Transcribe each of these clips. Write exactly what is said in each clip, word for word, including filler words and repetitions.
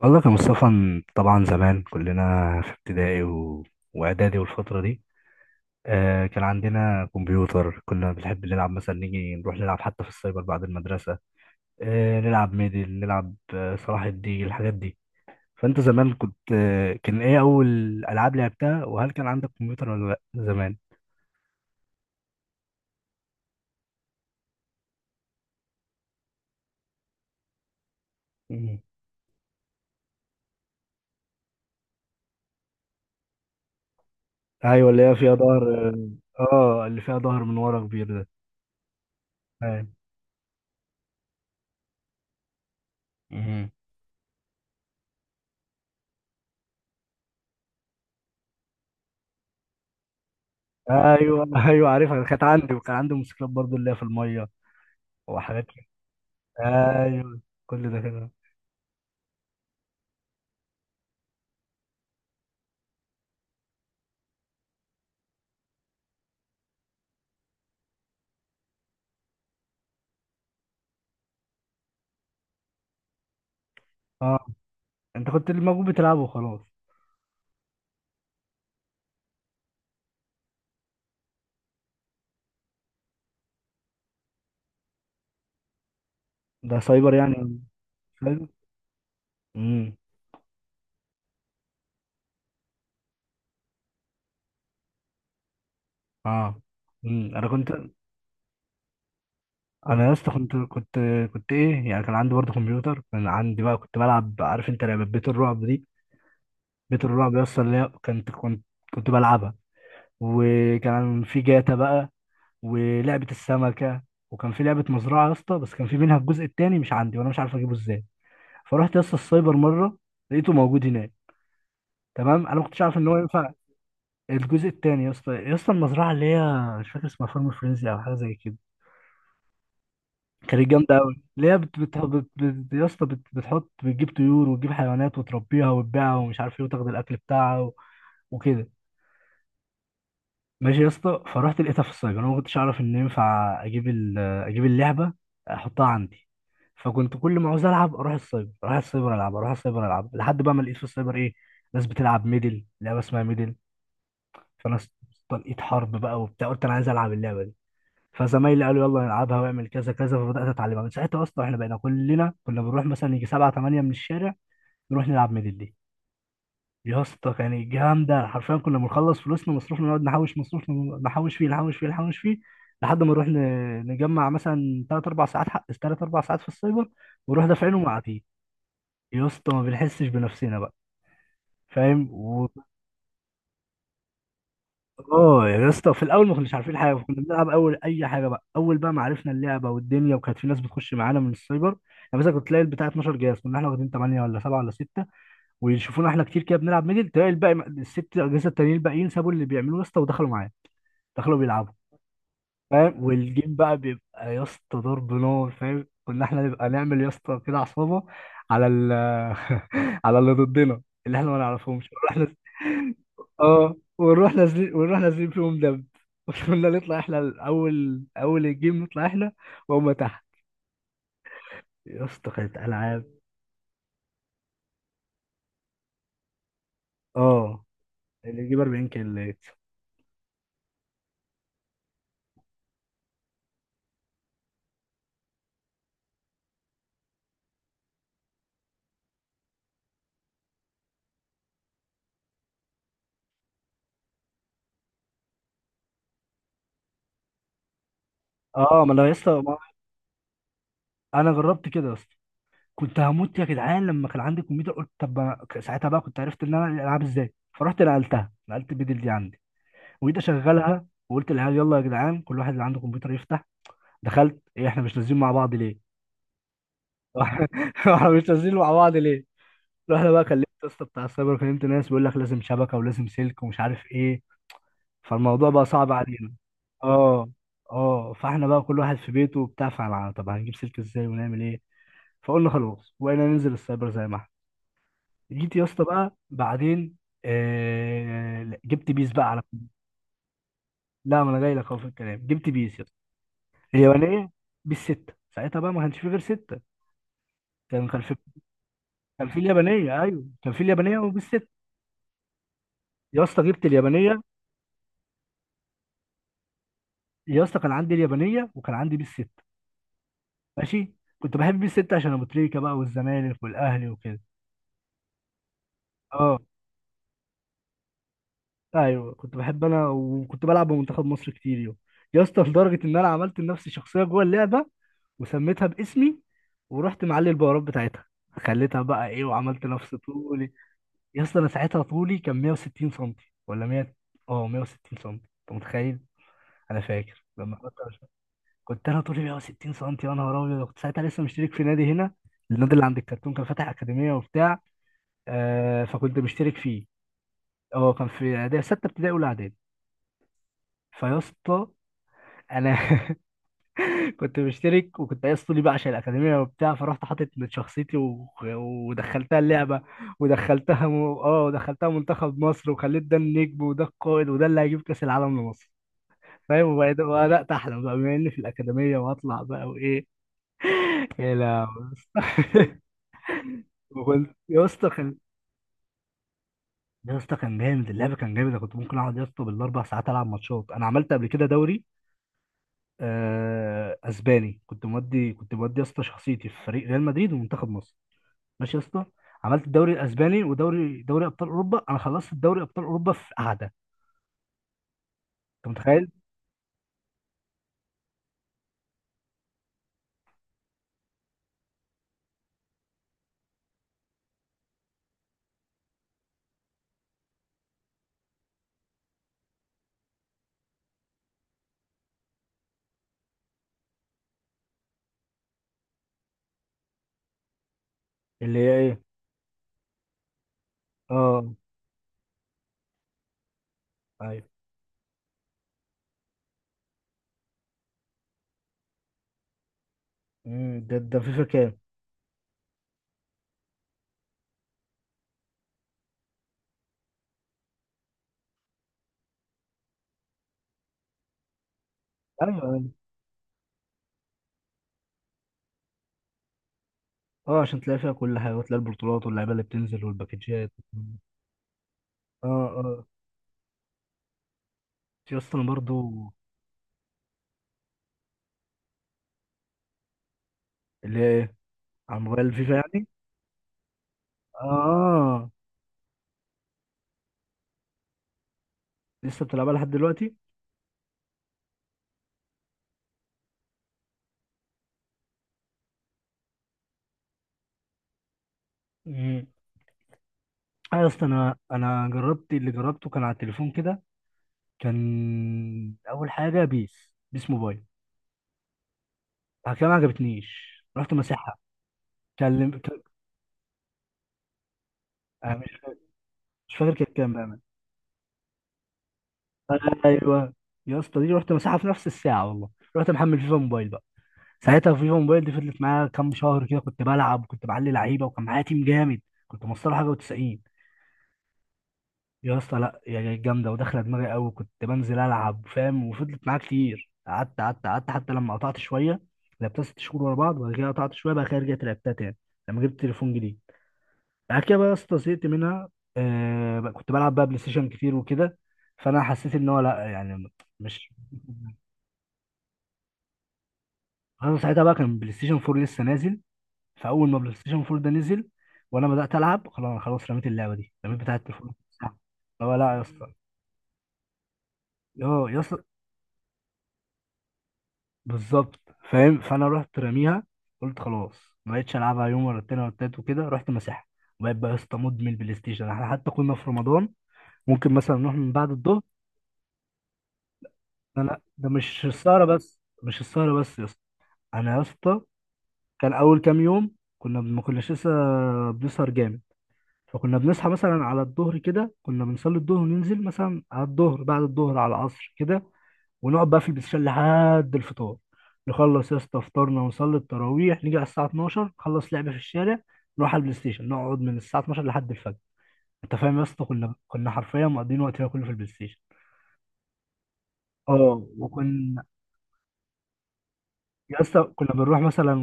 والله كان مصطفى. طبعا زمان كلنا في ابتدائي و... واعدادي والفتره دي آه كان عندنا كمبيوتر، كنا بنحب نلعب مثلا، نيجي نروح نلعب حتى في السايبر بعد المدرسه. آه نلعب ميدل، نلعب آه صلاح الدين، الحاجات دي. فانت زمان كنت آه كان ايه اول العاب لعبتها؟ وهل كان عندك كمبيوتر ولا لا زمان؟ مم. ايوه، اللي هي فيها ظهر. اه، اللي فيها ظهر من ورا كبير ده. ايوه. مم. ايوه، ايوه عارفها، كانت عندي، وكان عندي موتوسيكلات برضو اللي هي في الميه وحاجات. ايوه، كل ده كده. اه، انت كنت اللي موجود بتلعبه وخلاص. ده سايبر يعني. سايبر. امم. اه. امم، انا كنت. انا يا اسطى كنت كنت كنت ايه يعني؟ كان عندي برضه كمبيوتر، كان عندي بقى كنت بلعب. عارف انت لعبه بيت الرعب دي؟ بيت الرعب يا اسطى، اللي هي كنت كنت كنت بلعبها. وكان في جاتا بقى، ولعبه السمكه. وكان في لعبه مزرعه يا اسطى، بس كان في منها الجزء الثاني مش عندي، وانا مش عارف اجيبه ازاي. فرحت يا اسطى السايبر مره، لقيته موجود هناك. تمام، انا ما كنتش عارف ان هو ينفع. الجزء التاني يا اسطى، يا اسطى المزرعه اللي هي مش فاكر اسمها، فارم فريزي او حاجه زي كده. كانت جامده قوي، اللي هي بت بت بت بت يا اسطى بت بتحط، بتجيب طيور وتجيب حيوانات وتربيها وتبيعها ومش عارف ايه، وتاخد الاكل بتاعها و... وكده. ماشي يا اسطى، فرحت لقيتها في السايبر، انا ما كنتش اعرف ان ينفع اجيب ال... اجيب اللعبه، احطها عندي. فكنت كل ما عاوز العب اروح السايبر، اروح السايبر العب، اروح السايبر العب، لحد بقى ما لقيت في السايبر ايه، ناس بتلعب ميدل، لعبه اسمها ميدل. فانا است- لقيت حرب بقى وبتاع، قلت انا عايز العب اللعبه دي. فزمايلي قالوا يلا نلعبها، واعمل كذا كذا، فبدات اتعلمها من ساعتها. اصلا احنا بقينا كلنا كنا بنروح، مثلا يجي سبعة تمانية من الشارع نروح نلعب ميدلي. يا اسطى كان جامده، حرفيا كنا بنخلص فلوسنا مصروفنا، نقعد نحوش مصروفنا، نحوش فيه نحوش فيه نحوش فيه، لحد ما نروح ن- نجمع مثلا ثلاث اربع ساعات، حق ثلاث اربع ساعات في السايبر، ونروح دافعينهم وقاعدين. يا اسطى ما بنحسش بنفسنا بقى. فاهم؟ اه يا اسطى، في الاول ما كناش عارفين حاجه، كنا بنلعب اول اي حاجه بقى، اول بقى ما عرفنا اللعبه والدنيا، وكانت في ناس بتخش معانا من السايبر. يعني مثلا كنت تلاقي البتاع اتناشر جهاز، كنا احنا واخدين ثمانية ولا سبعة ولا ستة، ويشوفونا احنا كتير كده بنلعب ميدل، تلاقي الباقي الست اجهزه التانيين الباقيين سابوا اللي بيعملوه يا اسطى ودخلوا معانا، دخلوا بيلعبوا. فاهم؟ والجيم بقى بيبقى يا اسطى ضرب نار، فاهم، كنا احنا نبقى نعمل يا اسطى كده عصابه، على ال على اللي ضدنا، اللي احنا ما نعرفهمش، ونروح نز... اه ونروح نازلين، ونروح نازلين فيهم دب. وكنا نطلع احنا الاول، اول الجيم نطلع احنا وهم تحت. يا اسطى كانت العاب. اه، اللي يجيب 40 كيلو. اه ما انا يا اسطى ما- انا جربت كده يا اسطى. كنت هموت يا جدعان لما كان عندي كمبيوتر، قلت طب ما- ساعتها بقى كنت عرفت ان انا العب ازاي، فرحت نقلتها نقلت البدل دي عندي، وجيت اشغلها، وقلت للعيال يلا يا جدعان كل واحد اللي عنده كمبيوتر يفتح. دخلت ايه، احنا مش نازلين مع بعض ليه؟ احنا مش نازلين مع بعض ليه؟ رحنا بقى كلمت يا اسطى بتاع السايبر، كلمت ناس، بيقول لك لازم شبكه، ولازم سلك، ومش عارف ايه. فالموضوع بقى صعب علينا. اه، اه. فاحنا بقى كل واحد في بيته وبتاع، فعلا طب هنجيب سلك ازاي ونعمل ايه؟ فقلنا خلاص، وبقينا ننزل السايبر زي ما احنا. جيت يا اسطى بقى بعدين، آه لا، جبت بيس بقى على. لا، ما انا جاي لك اهو في الكلام، جبت بيس يا اسطى، اليابانيه. بيس ستة، ساعتها بقى ما كانش في غير ستة. كان كان في، كان في اليابانيه، ايوه كان في اليابانيه وبيس ستة. يا اسطى جبت اليابانيه. يا اسطى كان عندي اليابانيه وكان عندي بيس ستة. ماشي. كنت بحب بيس ستة عشان ابو تريكه بقى، والزمالك والاهلي وكده. اه. ايوه، كنت بحب انا، وكنت بلعب بمنتخب مصر كتير يوم. يا اسطى لدرجه ان انا عملت لنفسي شخصيه جوه اللعبه، وسميتها باسمي. ورحت معلي البهارات بتاعتها، خليتها بقى ايه، وعملت نفس طولي. يا اسطى انا ساعتها طولي كان 160 سم، ولا مئة. اه، 160 سم، انت متخيل؟ انا فاكر لما كنت كنت انا طولي 160 سم، يا نهار ابيض. كنت ساعتها لسه مشترك في نادي هنا، النادي اللي عند الكرتون، كان فاتح اكاديميه وبتاع، آه فكنت مشترك فيه. اه كان في إعدادي- سته ابتدائي، اولى اعدادي. فيا اسطى، انا كنت مشترك، وكنت عايز طولي بقى عشان الاكاديميه وبتاع، فرحت حاطط من شخصيتي و... ودخلتها اللعبه. ودخلتها م... اه ودخلتها منتخب مصر، وخليت ده النجم، وده القائد، وده اللي هيجيب كاس العالم لمصر. فاهم؟ وبقيت- وبدات احلم بقى بما اني في الاكاديميه، وهطلع بقى وايه. يا لا. وكنت يا اسطى كان يا اسطى كان جامد اللعبه، كان جامد. انا كنت ممكن اقعد يا اسطى بالاربع ساعات العب ماتشات. انا عملت قبل كده دوري آه، اسباني. كنت مودي كنت مودي يا اسطى شخصيتي في فريق ريال مدريد ومنتخب مصر. ماشي يا اسطى. عملت الدوري الاسباني، ودوري دوري ابطال اوروبا. انا خلصت الدوري ابطال اوروبا في قعده، انت متخيل؟ اللي هي ايه؟ اه، ايوه. امم. ده ده فيفا كام؟ ايوه، ايوه. اه عشان تلاقي فيها كل حاجه، وتلاقي البطولات، واللعيبه اللي بتنزل، والباكجات. اه، اه. في اصلا برضو. اللي هي ايه، على موبايل فيفا يعني. اه، لسه بتلعبها لحد دلوقتي؟ امم. اه يا اسطى، انا انا جربت اللي جربته كان على التليفون كده. كان اول حاجه بيس بيس موبايل. بعد كده ما عجبتنيش رحت مساحة. كلم ك- أنا مش فاكر. مش فاكر كانت كام بأمان. ايوه، يا اسطى دي رحت مساحة في نفس الساعة والله. رحت محمل فيفا موبايل بقى. ساعتها فيفا موبايل دي فضلت معايا كام شهر كده، كنت بلعب وكنت بعلي لعيبة، وكان معايا تيم جامد. كنت مصطلح حاجة و90. يا اسطى لا، يا يا جامدة وداخلة دماغي قوي، كنت بنزل ألعب فاهم. وفضلت معايا كتير، قعدت قعدت قعدت، حتى لما قطعت شوية. لعبتها ست شهور ورا بعض، وبعد كده قطعت شوية بقى كده، رجعت لعبتها تاني لما جبت تليفون جديد. بعد كده بقى يا اسطى زهقت منها. آه بقى- كنت بلعب بقى بلاي ستيشن كتير وكده. فانا حسيت ان هو لا يعني، مش. انا ساعتها بقى كان بلاي ستيشن اربعة لسه نازل. فاول ما بلاي ستيشن اربعة ده نزل وانا بدات العب، خلاص خلاص، رميت اللعبه دي، رميت بتاعه التليفون. هو لا يا اسطى. اه يا اسطى. بالظبط. فاهم؟ فانا رحت راميها، قلت خلاص، ما بقتش العبها يوم ولا التاني ولا التالت وكده، رحت مسحها. وبقيت بقى يا اسطى مدمن بلاي ستيشن. احنا حتى كنا في رمضان ممكن مثلا نروح من بعد الظهر. انا ده مش السهره بس، مش السهره بس يا اسطى. انا يا اسطى كان اول كام يوم كنا ما كناش لسه بنسهر جامد، فكنا بنصحى مثلا على الظهر كده، كنا بنصلي الظهر وننزل مثلا على الظهر، بعد الظهر على العصر كده، ونقعد بقى في البلاي ستيشن لحد الفطار. نخلص يا اسطى فطارنا، ونصلي التراويح، نيجي على الساعه اتناشر نخلص لعبه في الشارع، نروح على البلاي ستيشن، نقعد من الساعه اثنا عشر لحد الفجر. انت فاهم يا اسطى؟ كنا كنا حرفيا مقضيين وقتنا كله في البلاي ستيشن. اه، وكنا يا اسطى كنا بنروح مثلا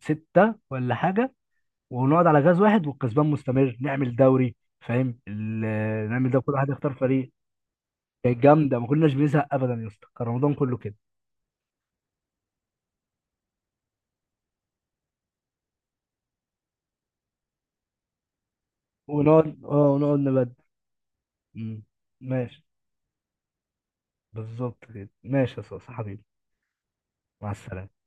ستة ولا حاجة، ونقعد على غاز واحد، والكسبان مستمر، نعمل دوري، فاهم، ال- نعمل ده كل واحد يختار فريق. كانت جامدة، ما كناش بنزهق أبدا يا اسطى، كان رمضان كله كده. ونقعد اه ونقعد نبدل. مم. ماشي. بالظبط كده، ماشي يا اسطى حبيبي، مع السلامة.